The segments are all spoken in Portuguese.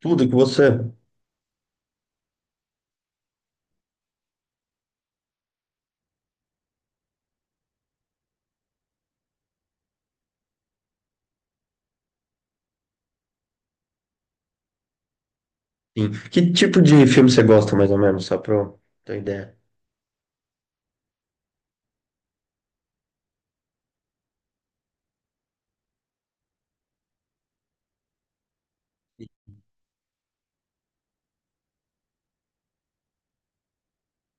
Tudo que você. Sim. Que tipo de filme você gosta, mais ou menos, só pra eu ter ideia?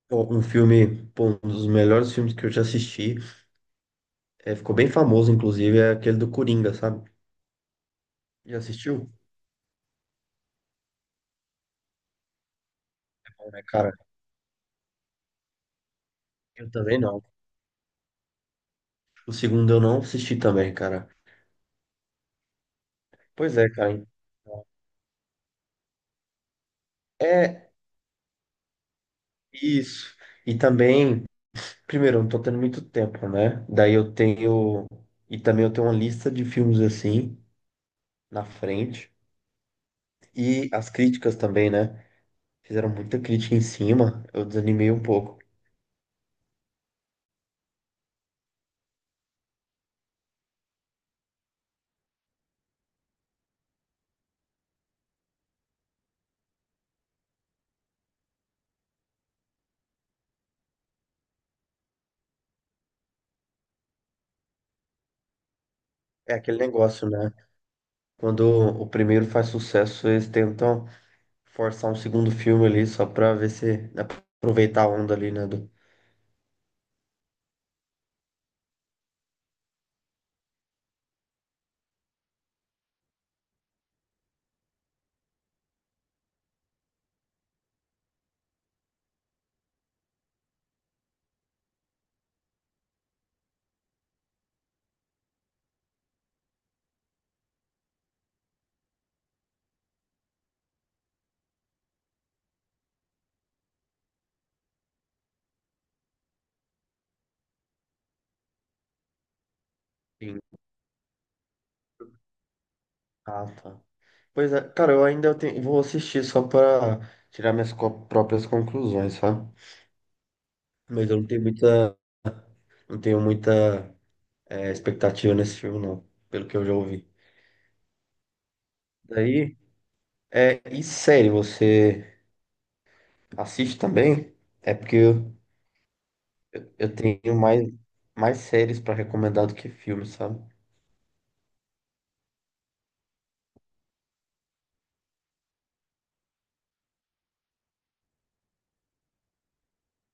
Um filme, pô, um dos melhores filmes que eu já assisti, ficou bem famoso, inclusive, é aquele do Coringa, sabe? Já assistiu? Não, né, cara? Eu também não. O segundo eu não assisti também, cara. Pois é, cara. É isso. E também, primeiro, eu não tô tendo muito tempo, né? Daí eu tenho. E também eu tenho uma lista de filmes assim, na frente. E as críticas também, né? Fizeram muita crítica em cima, eu desanimei um pouco. É aquele negócio, né? Quando o primeiro faz sucesso, eles tentam forçar um segundo filme ali só pra ver se aproveitar a onda ali, né? Do... Sim. Ah, tá. Pois é, cara, vou assistir só pra tirar próprias conclusões, sabe? Mas eu não tenho muita expectativa nesse filme, não, pelo que eu já ouvi. Daí, e série, você assiste também? É porque eu tenho mais séries pra recomendar do que filmes, sabe?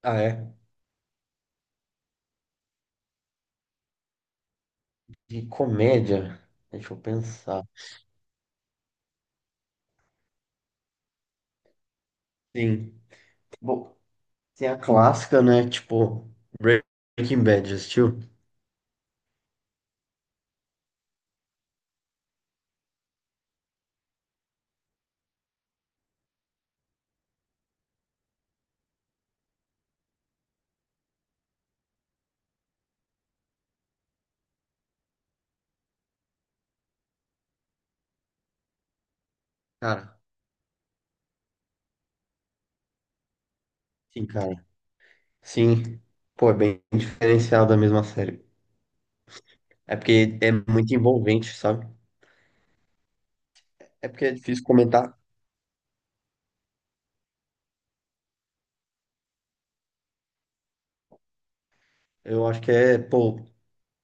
Ah, é? De comédia, deixa eu pensar. Sim. Bom, tem a clássica, né? Tipo, Breaking Bad, já assistiu? Cara, sim, cara. Sim. Pô, é bem diferenciado a mesma série. É porque é muito envolvente, sabe? É porque é difícil comentar. Eu acho que é, pô,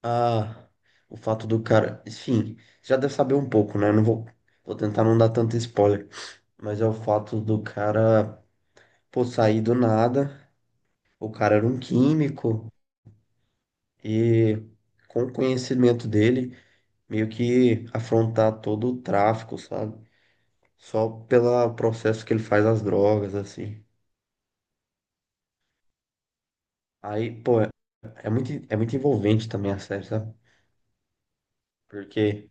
a, o fato do cara. Enfim, já deve saber um pouco, né? Eu não vou, vou tentar não dar tanto spoiler. Mas é o fato do cara, pô, sair do nada. O cara era um químico e, com o conhecimento dele, meio que afrontar todo o tráfico, sabe? Só pelo processo que ele faz as drogas, assim. Aí, pô, é muito envolvente também a série, sabe? Porque,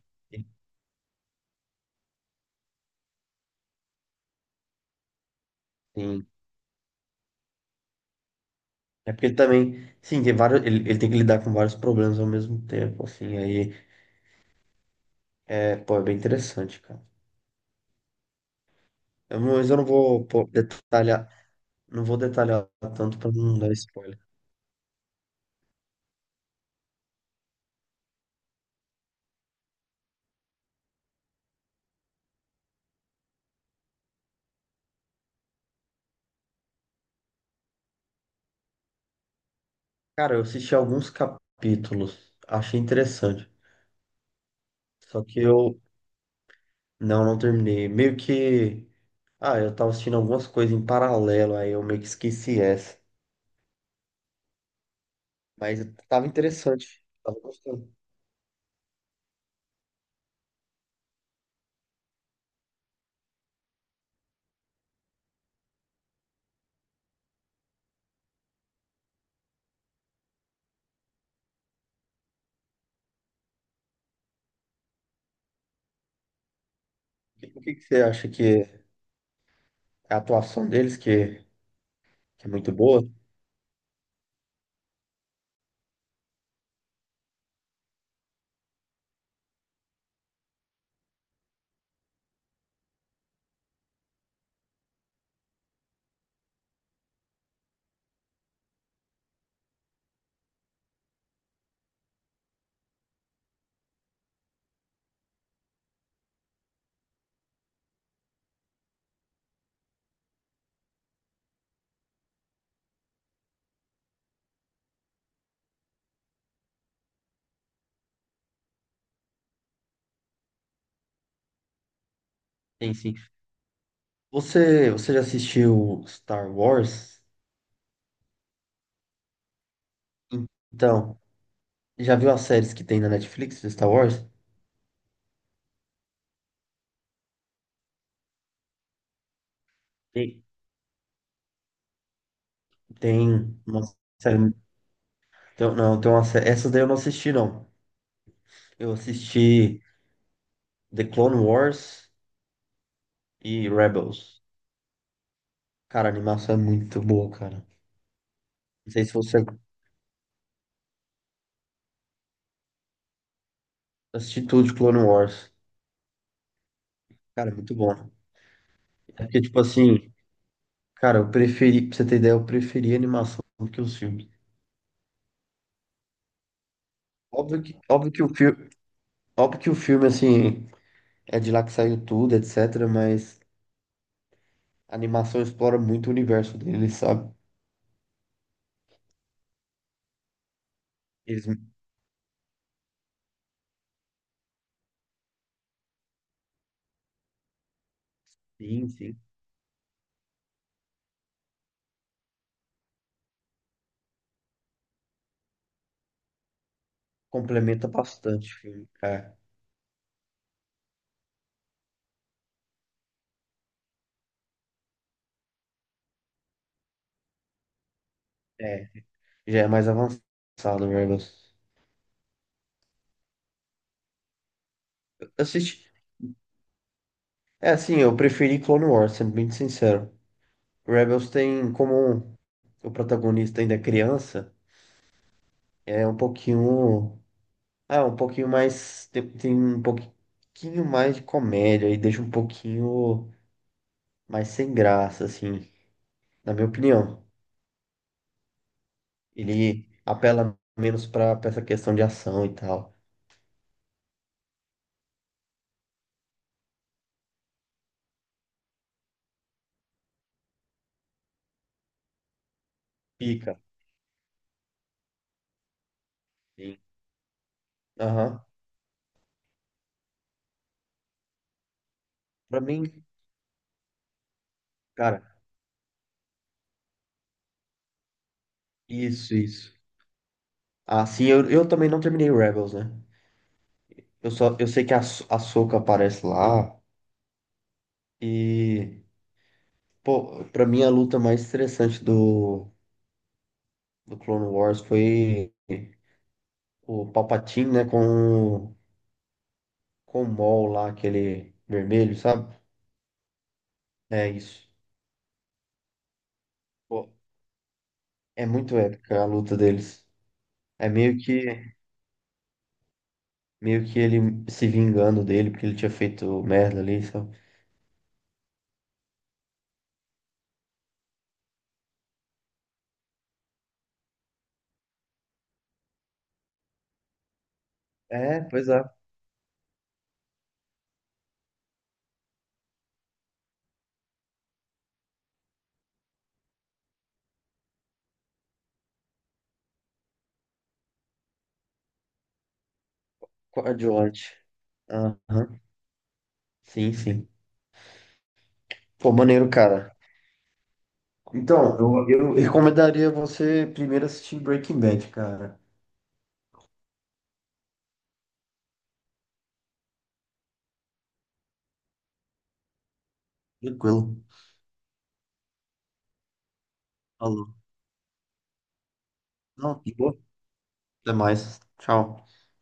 tem é porque ele também, sim, tem vários, ele tem que lidar com vários problemas ao mesmo tempo, assim. Aí, é, pô, é bem interessante, cara. Eu não- Mas eu não vou, pô, detalhar, não vou detalhar tanto para não dar spoiler. Cara, eu assisti alguns capítulos, achei interessante. Só que eu não terminei. Meio que, ah, eu tava assistindo algumas coisas em paralelo, aí eu meio que esqueci essa. Mas tava interessante, tava gostando. O que que você acha que é a atuação deles que é muito boa? Sim, sim. Você já assistiu Star Wars? Então, já viu as séries que tem na Netflix de Star Wars? Tem. Tem uma série. Então, não, então essas daí eu não assisti, não. Eu assisti The Clone Wars e Rebels. Cara, a animação é muito boa, cara. Não sei se você assistiu tudo de Clone Wars. Cara, é muito bom. É porque, tipo assim, cara, eu preferi, pra você ter ideia, eu preferi a animação do que os filmes. Óbvio que, óbvio que o filme, óbvio que o filme, assim, é de lá que saiu tudo, etc. Mas a animação explora muito o universo dele, sabe? Eles, sim, sim. Complementa bastante o filme. É. Já é mais avançado, Rebels. Assiste. É assim, eu preferi Clone Wars, sendo bem sincero. Rebels tem como o protagonista ainda é criança, é um pouquinho. Ah, um pouquinho mais. Tem um pouquinho mais de comédia e deixa um pouquinho mais sem graça, assim, na minha opinião. Ele apela menos pra essa questão de ação e tal. Fica. Sim. Aham. Pra mim, cara, isso, isso. Ah, sim, eu também não terminei Rebels, né? Eu só, eu sei que a Soca aparece lá e, pô, pra mim a luta mais estressante do, do Clone Wars foi o Palpatine, né, com, o- com o Maul lá, aquele vermelho, sabe? É isso. Pô, é muito épica a luta deles. É meio que, meio que ele se vingando dele, porque ele tinha feito merda ali, sabe? É, pois é. Coadjuvante. Aham, sim, sim. Pô, maneiro, cara. Então, eu recomendaria você primeiro assistir Breaking Bad, cara. Tranquilo. Falou. Não, de boa. Até mais. Tchau.